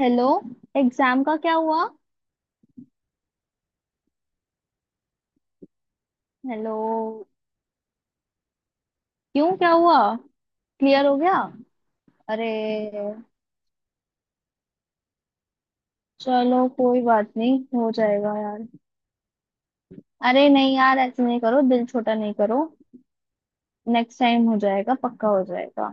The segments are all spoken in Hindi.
हेलो। एग्जाम का क्या हुआ? हेलो। क्यों क्या हुआ? क्लियर हो गया? अरे, चलो कोई बात नहीं, हो जाएगा यार। अरे नहीं यार, ऐसे नहीं करो, दिल छोटा नहीं करो। नेक्स्ट टाइम हो जाएगा, पक्का हो जाएगा।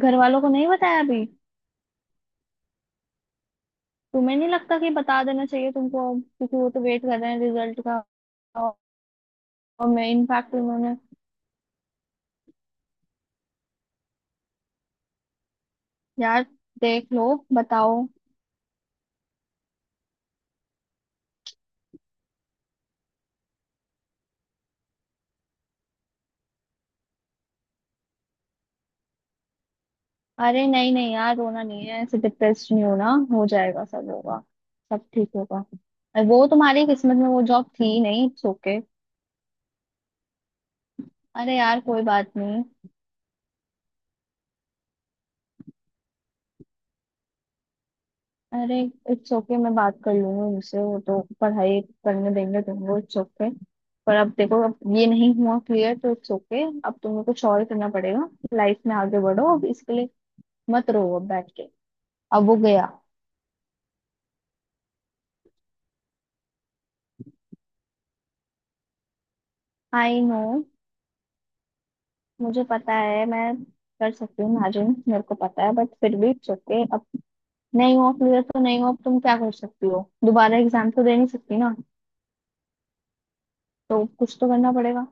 घर वालों को नहीं बताया अभी? तुम्हें नहीं लगता कि बता देना चाहिए तुमको अब, क्योंकि वो तो वेट कर रहे हैं रिजल्ट का। और मैं इनफैक्ट उन्होंने यार देख लो, बताओ। अरे नहीं नहीं यार, रोना नहीं है, ऐसे डिप्रेस नहीं होना, हो जाएगा सब होगा। सब ठीक होगा। अरे वो तुम्हारी किस्मत में वो जॉब थी नहीं, इट्स ओके। अरे यार कोई बात नहीं। अरे इट्स ओके, मैं बात कर लूंगी उनसे, वो तो पढ़ाई करने देंगे तुमको, इट्स ओके। पर अब देखो, अब ये नहीं हुआ क्लियर तो इट्स ओके, अब तुम्हें कुछ और करना पड़ेगा। लाइफ में आगे बढ़ो अब, इसके लिए मत रो अब बैठ के। अब वो गया। आई नो, मुझे पता है, मैं कर सकती हूँ इमेजिन, मेरे को पता है, बट फिर भी इट्स ओके। अब नहीं हुआ क्लियर तो नहीं हुआ, अब तुम क्या कर सकती हो, दोबारा एग्जाम तो दे नहीं सकती ना, तो कुछ तो करना पड़ेगा।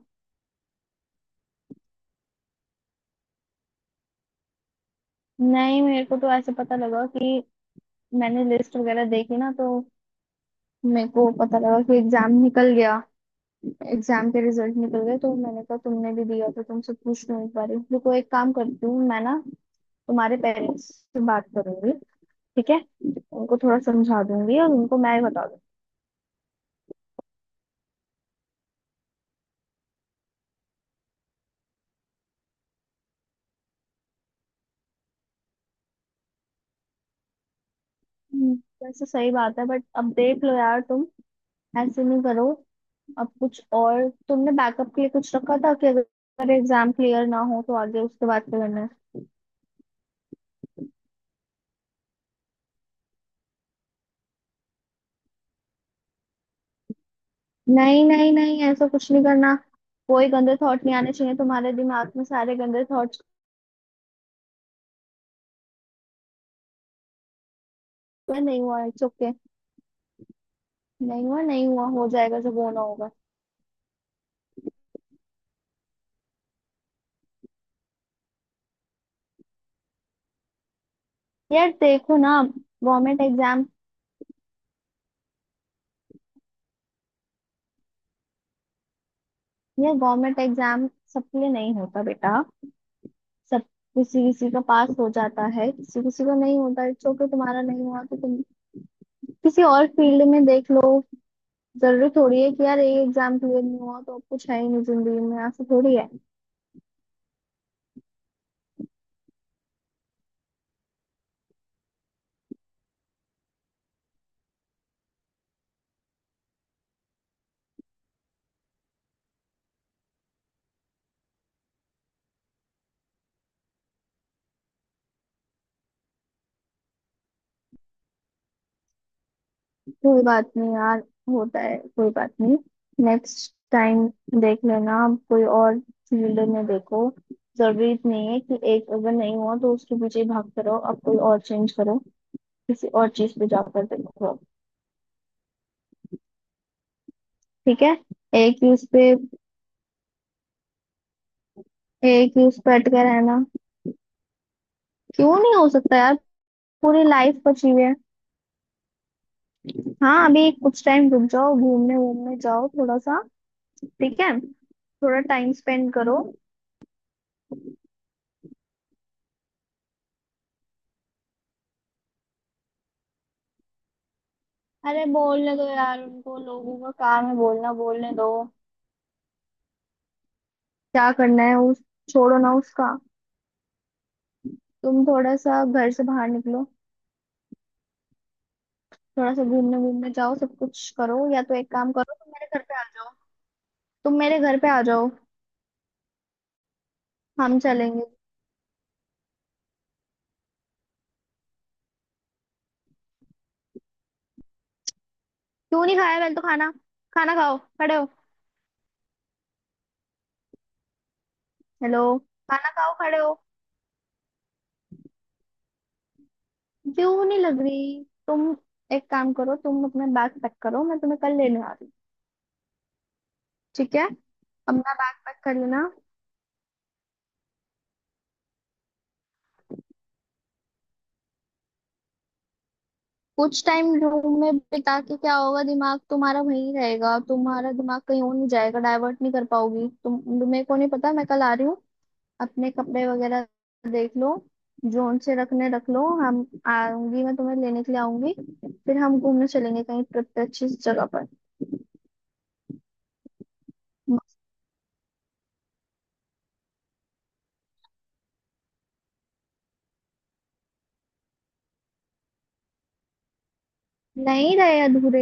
नहीं मेरे को तो ऐसे पता लगा कि मैंने लिस्ट वगैरह देखी ना, तो मेरे को पता लगा कि एग्जाम निकल गया, एग्जाम के रिजल्ट निकल गए, तो मैंने कहा तुमने भी दिया तो तुमसे पूछ लूँ एक बार। देखो, एक काम करती हूँ मैं ना, तुम्हारे पेरेंट्स से बात करूंगी, ठीक है? उनको थोड़ा समझा दूंगी और उनको मैं ही बता। हम्म, वैसे सही बात है, बट अब देख लो यार तुम, ऐसे नहीं करो। अब कुछ और तुमने बैकअप के लिए कुछ रखा था कि अगर एग्जाम क्लियर ना हो तो आगे उसके बाद क्या करना है? नहीं नहीं नहीं, ऐसा कुछ नहीं करना। कोई गंदे थॉट नहीं आने चाहिए तुम्हारे दिमाग में, सारे गंदे थॉट्स। नहीं हुआ इट्स ओके। नहीं हुआ नहीं हुआ, हो जाएगा जब होना होगा। यार देखो ना, गवर्नमेंट एग्जाम, यार गवर्नमेंट एग्जाम सबके लिए नहीं होता बेटा। सब किसी किसी का पास हो जाता है, किसी किसी को नहीं होता, इट्स ओके। तुम्हारा नहीं हुआ तो तुम किसी और फील्ड में देख लो। जरूरी थोड़ी है कि यार ये एग्जाम क्लियर नहीं हुआ तो अब कुछ है ही नहीं जिंदगी में, ऐसा थोड़ी है। कोई बात नहीं यार, होता है, कोई बात नहीं। नेक्स्ट टाइम देख लेना। अब कोई और फील्ड में देखो। जरूरी नहीं है कि एक अगर नहीं हुआ तो उसके पीछे भागते रहो, अब कोई और चेंज करो, किसी और चीज पे जाकर देखो। ठीक है, एक ही उस पे, एक ही उस पे अटके रहना। क्यों नहीं हो सकता यार? पूरी लाइफ बची हुई है। हाँ, अभी कुछ टाइम रुक जाओ, घूमने वूमने जाओ थोड़ा सा। ठीक है, थोड़ा टाइम स्पेंड करो। अरे बोलने दो यार उनको, लोगों का काम है बोलना, बोलने दो। क्या करना है उस, छोड़ो ना उसका। तुम थोड़ा सा घर से बाहर निकलो, थोड़ा सा घूमने घूमने जाओ, सब कुछ करो। या तो एक काम करो, तुम मेरे घर पे आ जाओ, तुम मेरे घर पे आ जाओ, हम चलेंगे। क्यों नहीं खाया? पहले तो खाना, खाना खाओ खड़े हो। हेलो, खाना खाओ खड़े हो। क्यों नहीं लग रही तुम? एक काम करो, तुम अपना बैग पैक करो, मैं तुम्हें कल लेने आ रही हूँ। ठीक है, अपना बैग पैक कर लेना। कुछ टाइम रूम में बिता के क्या होगा? दिमाग तुम्हारा वहीं रहेगा, तुम्हारा दिमाग कहीं और नहीं जाएगा, डाइवर्ट नहीं कर पाओगी तुम। मेरे को नहीं पता, मैं कल आ रही हूँ। अपने कपड़े वगैरह देख लो, जोन से रखने रख लो, हम आऊंगी, मैं तुम्हें लेने के लिए आऊंगी, फिर हम घूमने चलेंगे कहीं ट्रिप पे अच्छी जगह पर। नहीं रहे अधूरे।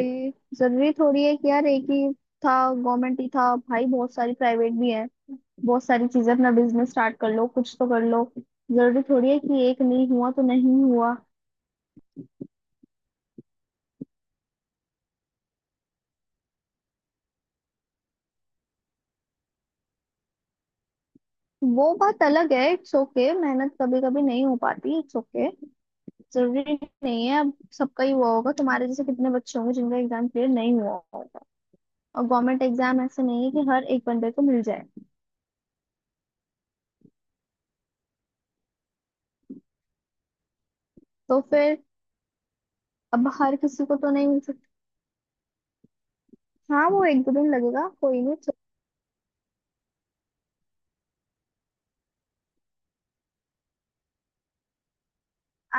जरूरी थोड़ी है कि यार एक ही था, गवर्नमेंट ही था भाई। बहुत सारी प्राइवेट भी है, बहुत सारी चीजें, अपना बिजनेस स्टार्ट कर लो, कुछ तो कर लो। जरूरी थोड़ी है कि एक नहीं हुआ तो नहीं हुआ। वो बात अलग है, इट्स ओके। मेहनत कभी कभी नहीं हो पाती, इट्स ओके। जरूरी नहीं है अब। सबका ही हुआ होगा, तुम्हारे जैसे कितने बच्चे होंगे जिनका एग्जाम क्लियर नहीं हुआ होगा। और गवर्नमेंट एग्जाम ऐसे नहीं है कि हर एक बंदे को मिल जाए। तो फिर, अब हर किसी को तो नहीं मिल सकता। हाँ वो एक दो दिन लगेगा, कोई नहीं।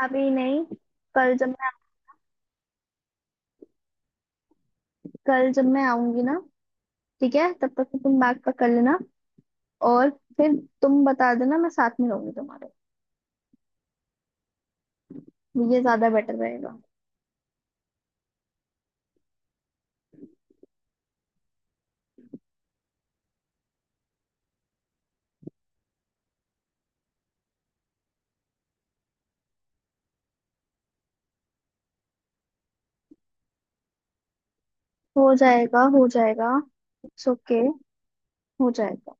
अभी नहीं, कल जब मैं, कल जब मैं आऊंगी ना, ठीक है, तब तक तो तुम बैग पैक कर लेना, और फिर तुम बता देना, मैं साथ में रहूंगी तुम्हारे। ये ज्यादा बेटर रहेगा। हो जाएगा हो जाएगा, इट्स ओके, हो जाएगा।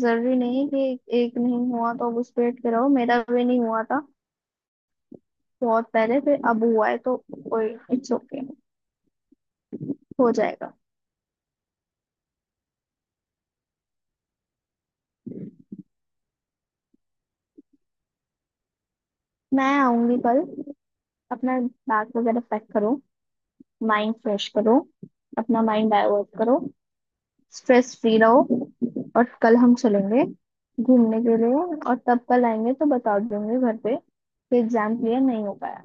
जरूरी नहीं कि एक नहीं हुआ तो अब उस पे अटके रहो। मेरा भी नहीं हुआ था बहुत पहले, फिर अब हुआ है तो कोई, इट्स ओके, हो जाएगा। मैं आऊंगी कल, अपना बैग वगैरह पैक करो, माइंड फ्रेश करो, अपना माइंड डाइवर्ट करो, स्ट्रेस फ्री रहो, और कल हम चलेंगे घूमने के लिए, और तब कल आएंगे तो बता देंगे घर पे कि एग्जाम क्लियर नहीं हो पाया,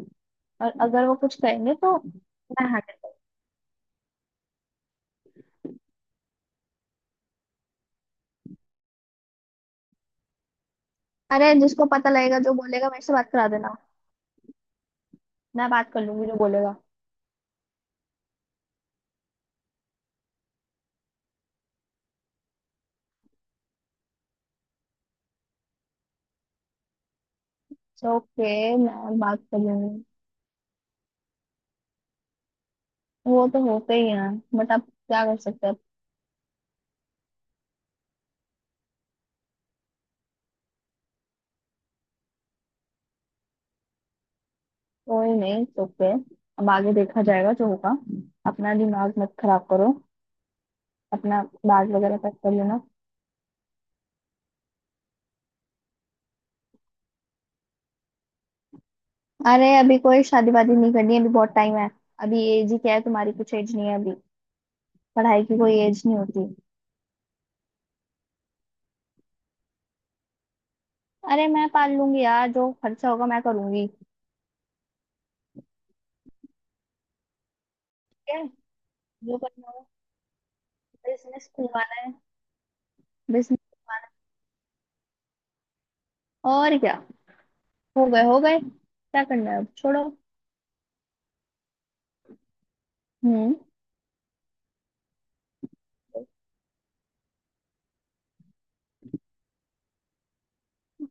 और अगर वो कुछ कहेंगे तो मैं हैंडल करूँ। अरे जिसको पता लगेगा, जो बोलेगा मेरे से बात करा देना, मैं बात कर लूंगी जो बोलेगा। सो ओके, मैं बात कर लूंगी। वो तो होते ही हैं, बट अब क्या कर सकते हैं। कोई नहीं, ओके। अब आगे देखा जाएगा जो होगा, अपना दिमाग मत खराब करो। अपना बैग वगैरह पैक कर लेना। अरे अभी कोई शादी वादी नहीं करनी है, अभी बहुत टाइम है। अभी एज ही क्या है तुम्हारी, कुछ एज नहीं है अभी। पढ़ाई की कोई एज नहीं होती। अरे मैं पाल लूंगी यार, जो खर्चा होगा मैं करूंगी, ठीक है, जो करना हो। बिजनेस खुलवाना है, बिजनेस खुलवाना है, और क्या। हो गए हो गए, क्या करना है अब, छोड़ो। हम्म।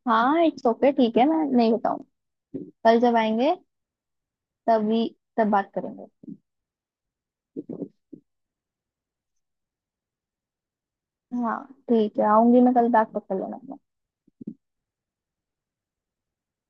हाँ इट्स ओके, ठीक है, मैं नहीं बताऊँ। कल जब आएंगे तभी, तब बात करेंगे। हाँ ठीक है, आऊंगी मैं कल, बैग पकड़ लेना।